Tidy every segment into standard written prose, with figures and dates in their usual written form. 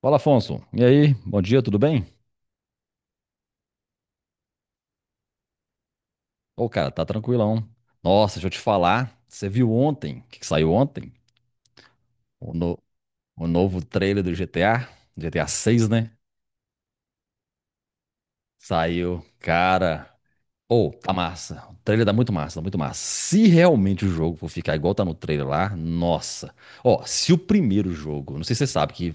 Fala, Afonso. E aí? Bom dia, tudo bem? Ô, cara, tá tranquilão. Nossa, deixa eu te falar. Você viu ontem, o que que saiu ontem? O, no- o novo trailer do GTA, GTA 6, né? Saiu. Cara, ou, tá massa. O trailer dá muito massa, dá muito massa. Se realmente o jogo for ficar igual tá no trailer lá, nossa. Ó, se o primeiro jogo, não sei se você sabe que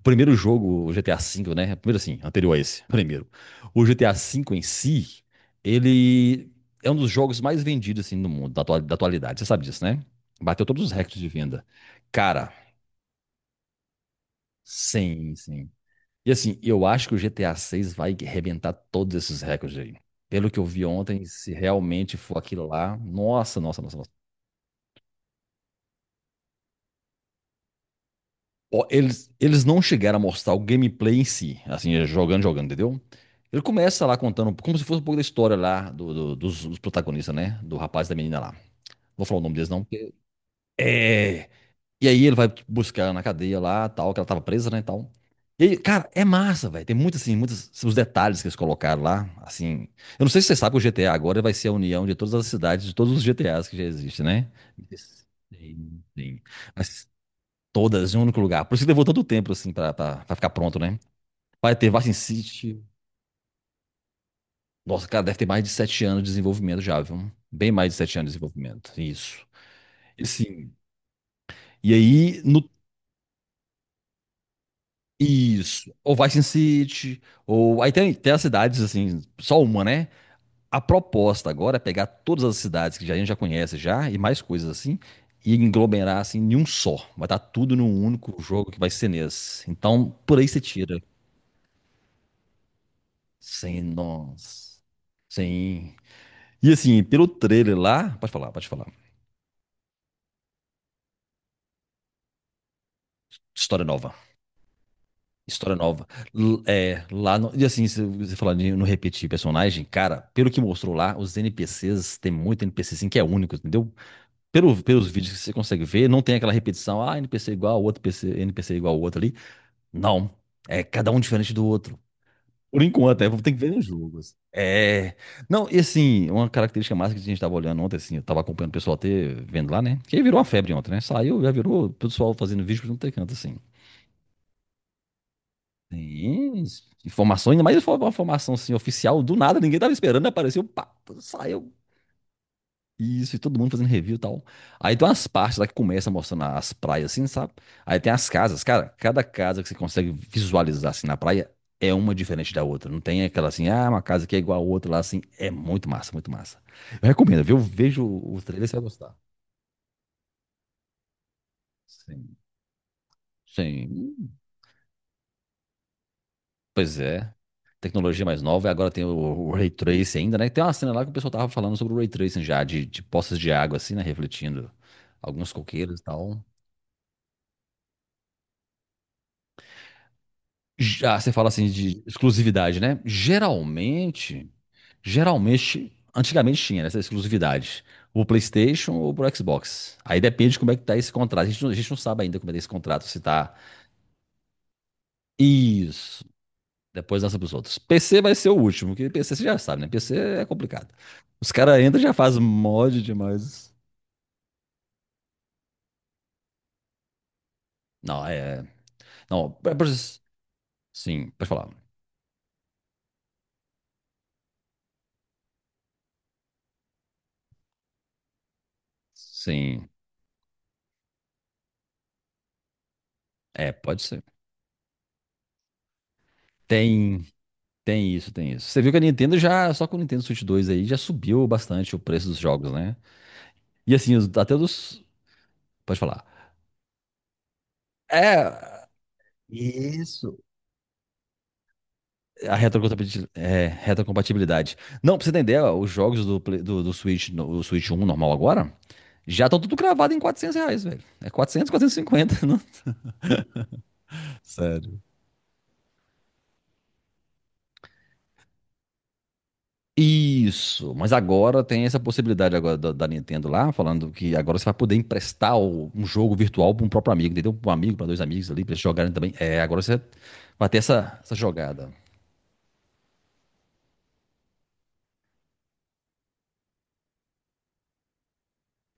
o primeiro jogo, o GTA V, né? Primeiro assim, anterior a esse, primeiro. O GTA V em si, ele é um dos jogos mais vendidos assim no mundo da atualidade. Você sabe disso, né? Bateu todos os recordes de venda. Cara, sim, sim. E assim, eu acho que o GTA 6 vai arrebentar todos esses recordes aí. Pelo que eu vi ontem, se realmente for aquilo lá, nossa, nossa, nossa, nossa. Ó, eles não chegaram a mostrar o gameplay em si, assim, é, jogando, jogando, entendeu? Ele começa lá contando como se fosse um pouco da história lá dos protagonistas, né? Do rapaz e da menina lá. Não vou falar o nome deles não, porque... É, e aí ele vai buscar ela na cadeia lá, tal, que ela tava presa, né, e tal. E aí, cara, é massa, velho. Tem muitos, assim, muitos os detalhes que eles colocaram lá, assim. Eu não sei se você sabe que o GTA agora vai ser a união de todas as cidades, de todos os GTAs que já existem, né? Sim, sim. Mas todas em um único lugar. Por isso que levou tanto tempo, assim, pra ficar pronto, né? Vai ter Vice City. Nossa, cara, deve ter mais de 7 anos de desenvolvimento já, viu? Bem mais de 7 anos de desenvolvimento. Isso. E, assim, e aí, no Isso. Ou Vice City, ou. Aí tem, tem as cidades, assim, só uma, né? A proposta agora é pegar todas as cidades que a gente já conhece já, e mais coisas assim, e englomerar assim em um só. Vai estar tudo num único jogo que vai ser nesse. Então, por aí você tira. Sem nós. Sim. E assim, pelo trailer lá. Pode falar, pode falar. História nova. História nova. É, lá no, e assim, se você falando de não repetir personagem, cara, pelo que mostrou lá, os NPCs, tem muito NPC assim que é único, entendeu? Pelo, pelos vídeos que você consegue ver, não tem aquela repetição, ah, NPC igual, ao outro PC, NPC igual ao outro ali. Não. É cada um diferente do outro. Por enquanto, é, vamos ter que ver nos jogos. É. Não, e assim, uma característica massa que a gente tava olhando ontem, assim, eu tava acompanhando o pessoal até vendo lá, né? Que aí virou uma febre ontem, né? Saiu, já virou o pessoal fazendo vídeo por um canto, assim. Sim, informações, ainda mais foi uma formação assim, oficial, do nada, ninguém tava esperando, né? Apareceu, pá, saiu. Isso, e todo mundo fazendo review e tal. Aí tem umas partes lá que começa mostrando as praias, assim, sabe? Aí tem as casas, cara, cada casa que você consegue visualizar assim na praia é uma diferente da outra. Não tem aquela assim, ah, uma casa que é igual a outra lá, assim. É muito massa, muito massa. Eu recomendo, viu? Vejo o trailer, você vai gostar. Sim. Sim. Pois é. Tecnologia mais nova, e agora tem o Ray Tracing ainda, né? Tem uma cena lá que o pessoal tava falando sobre o Ray Tracing já, de poças de água, assim, né? Refletindo alguns coqueiros e tal. Já, você fala assim de exclusividade, né? Geralmente, antigamente tinha essa exclusividade. O PlayStation ou pro Xbox. Aí depende de como é que tá esse contrato. A gente não sabe ainda como é que tá esse contrato, se tá... Isso. Depois lança pros outros. PC vai ser o último, que PC você já sabe, né? PC é complicado. Os caras entram e já fazem mod demais. Não, é. Não, é por- sim, pode falar. Sim, é, pode ser. Tem, tem isso, tem isso. Você viu que a Nintendo já, só com o Nintendo Switch 2 aí, já subiu bastante o preço dos jogos, né? E assim, os- até dos. Pode falar. É. Isso. A retrocompatibilidade. É, retrocompatibilidade. Não, pra você entender, ó, os jogos do Switch, o Switch 1 normal agora, já estão tudo cravado em R$ 400, velho. É 400, 450, né? Sério. Isso, mas agora tem essa possibilidade agora da Nintendo lá, falando que agora você vai poder emprestar um jogo virtual para um próprio amigo, entendeu? Para um amigo, para dois amigos ali, para eles jogarem também. É, agora você vai ter essa jogada.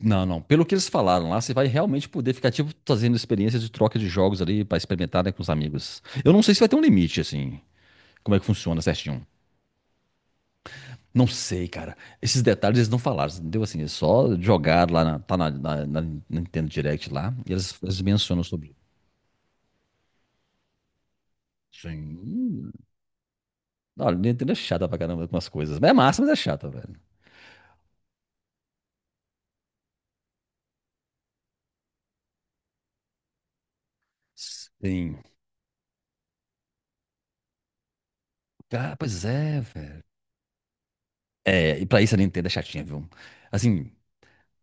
Não, não. Pelo que eles falaram lá, você vai realmente poder ficar, tipo, fazendo experiências de troca de jogos ali pra experimentar, né, com os amigos. Eu não sei se vai ter um limite, assim, como é que funciona certinho. Não sei, cara. Esses detalhes eles não falaram, entendeu? Assim, eles só jogaram lá, na, tá na, na- na Nintendo Direct lá, e eles mencionam sobre. Sim. Olha, Nintendo é chata pra caramba com as coisas. Mas é massa, mas é chata, velho. Sim. Ah, pois é, velho. É, e pra isso a Nintendo é chatinha, viu? Assim,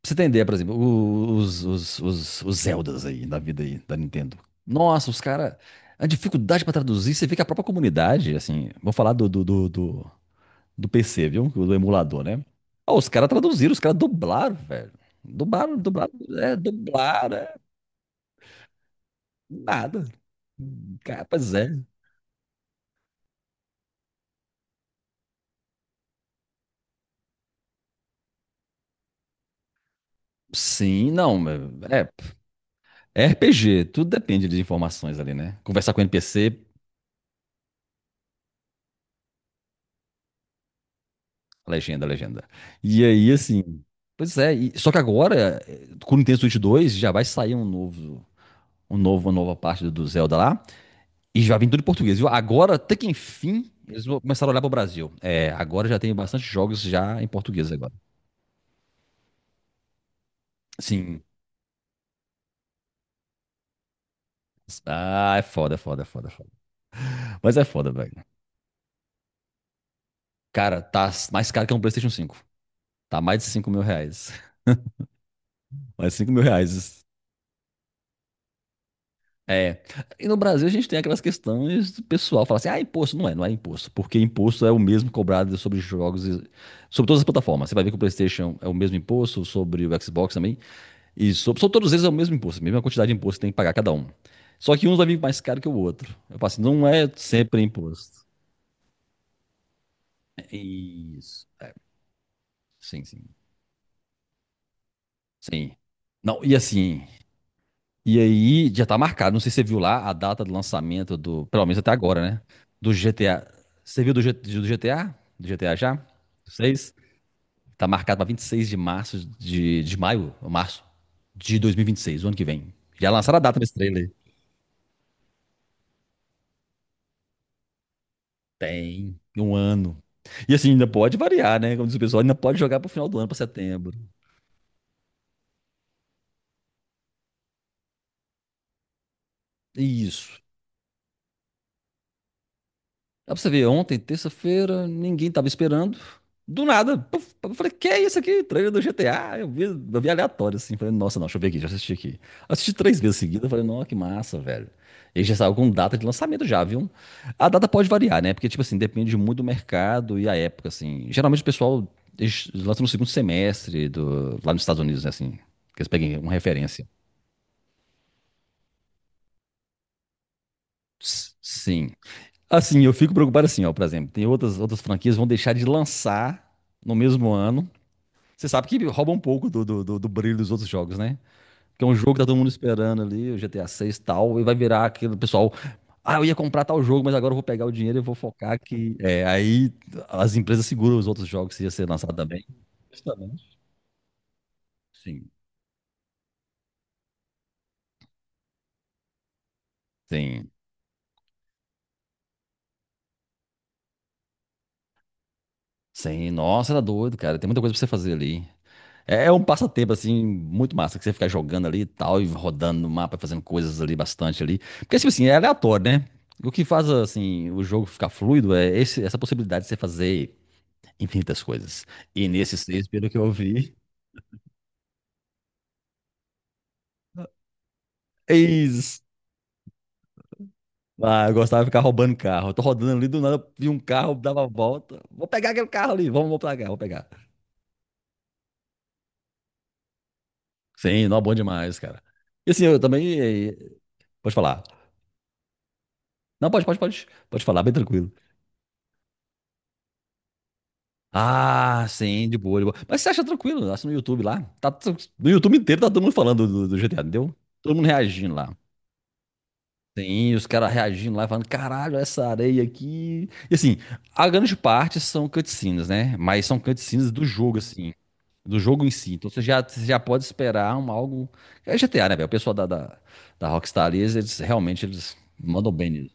pra você entender, por exemplo, os Zeldas aí, da vida aí, da Nintendo. Nossa, os caras. A dificuldade pra traduzir, você vê que a própria comunidade, assim. Vou falar do PC, viu? Do emulador, né? Ó, os caras traduziram, os caras dublaram, velho. Dublaram, dublaram. É, dublaram, é, nada. Cara, pois é. Sim, não. É, é, RPG, tudo depende de informações ali, né? Conversar com o NPC. Legenda, legenda. E aí, assim. Pois é, e- só que agora, com o Nintendo Switch 2, já vai sair um novo, uma nova parte do Zelda lá. E já vem tudo em português, viu? Agora, até que enfim, eles começaram a olhar pro Brasil. É, agora já tem bastante jogos já em português agora. Sim. Ah, é foda, é foda, é foda, é foda. Mas é foda, velho. Cara, tá mais caro que um PlayStation 5. Tá mais de R$ 5 mil. Mais de 5 mil reais. É. E no Brasil a gente tem aquelas questões do pessoal fala assim: ah, imposto. Não é, não é imposto. Porque imposto é o mesmo cobrado sobre jogos, sobre todas as plataformas. Você vai ver que o PlayStation é o mesmo imposto, sobre o Xbox também. E sobre, sobre todos eles é o mesmo imposto, a mesma quantidade de imposto que tem que pagar cada um. Só que um vai vir mais caro que o outro. Eu falo assim: não é sempre imposto. É. Isso. Sim, sim. Sim. Não, e assim, e aí, já tá marcado. Não sei se você viu lá a data do lançamento do. Pelo menos até agora, né? Do GTA. Você viu do GTA? Do GTA já? Seis? Tá marcado pra 26 de março de maio, ou março de 2026, o ano que vem. Já lançaram a data desse trailer. Tem um ano. E assim, ainda pode variar, né? Como diz o pessoal, ainda pode jogar pro final do ano, pra setembro. Isso. Dá pra você ver, ontem, terça-feira, ninguém tava esperando. Do nada, puf, eu falei, que é isso aqui? Trailer do GTA. Eu vi aleatório, assim. Falei, nossa, não, deixa eu ver aqui, já assisti aqui. Assisti três vezes seguida, falei, nossa, que massa, velho. E já saiu com data de lançamento já, viu? A data pode variar, né? Porque, tipo assim, depende muito do mercado e a época, assim. Geralmente o pessoal eles lançam no segundo semestre do, lá nos Estados Unidos, né, assim. Que eles peguem uma referência. Sim. Assim, eu fico preocupado assim, ó, por exemplo, tem outras franquias que vão deixar de lançar no mesmo ano. Você sabe que rouba um pouco do brilho dos outros jogos, né? Porque é um jogo que tá todo mundo esperando ali, o GTA 6 e tal, e vai virar aquele pessoal. Ah, eu ia comprar tal jogo, mas agora eu vou pegar o dinheiro e vou focar que. É, aí as empresas seguram os outros jogos que ia ser lançado também. Justamente. Sim. Sim. Sim. Nossa, era doido, cara. Tem muita coisa pra você fazer ali. É, é um passatempo, assim, muito massa, que você fica jogando ali e tal, e rodando no mapa, fazendo coisas ali bastante ali. Porque, tipo assim, é aleatório, né? O que faz, assim, o jogo ficar fluido é essa possibilidade de você fazer infinitas coisas. E nesse seis, pelo que eu vi, é isso. Ah, eu gostava de ficar roubando carro. Eu tô rodando ali, do nada, vi um carro, dava a volta. Vou pegar aquele carro ali, vamos, vou pegar, vou pegar. Sim, não, bom demais, cara. E assim, eu também... Pode falar. Não, pode, pode, pode. Pode falar, bem tranquilo. Ah, sim, de boa, de boa. Mas você acha tranquilo, acha no YouTube lá. Tá, no YouTube inteiro tá todo mundo falando do GTA, entendeu? Todo mundo reagindo lá. Sim, os caras reagindo lá, falando, caralho, essa areia aqui. E assim, a grande parte são cutscenes, né? Mas são cutscenes do jogo, assim. Do jogo em si. Então você já pode esperar um algo. É GTA, né, velho? O pessoal da Rockstar ali, eles realmente eles mandam bem nisso.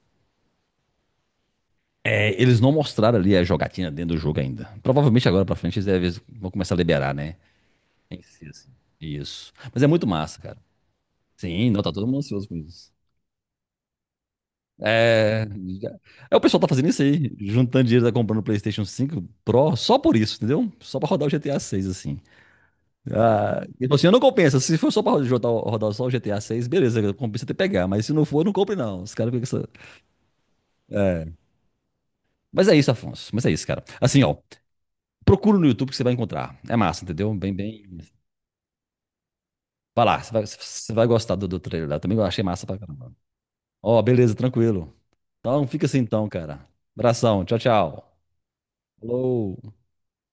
É, eles não mostraram ali a jogatina dentro do jogo ainda. Provavelmente agora pra frente eles vão começar a liberar, né? Tem que ser assim. Isso. Mas é muito massa, cara. Sim, não, tá todo mundo ansioso com isso. É. Já- É, o pessoal tá fazendo isso aí, juntando dinheiro, tá comprando o PlayStation 5 Pro só por isso, entendeu? Só pra rodar o GTA 6 assim. Ah, e tipo assim, não compensa. Se for só pra rodar, rodar só o GTA 6, beleza, compensa até pegar. Mas se não for, não compre, não. Os caras ficam com essa. É. Mas é isso, Afonso. Mas é isso, cara. Assim, ó, procura no YouTube que você vai encontrar. É massa, entendeu? Bem, bem. Vai lá, você vai gostar do trailer lá. Também eu achei massa pra caramba. Ó, beleza, tranquilo. Então, fica assim então, cara. Abração. Tchau, tchau. Falou.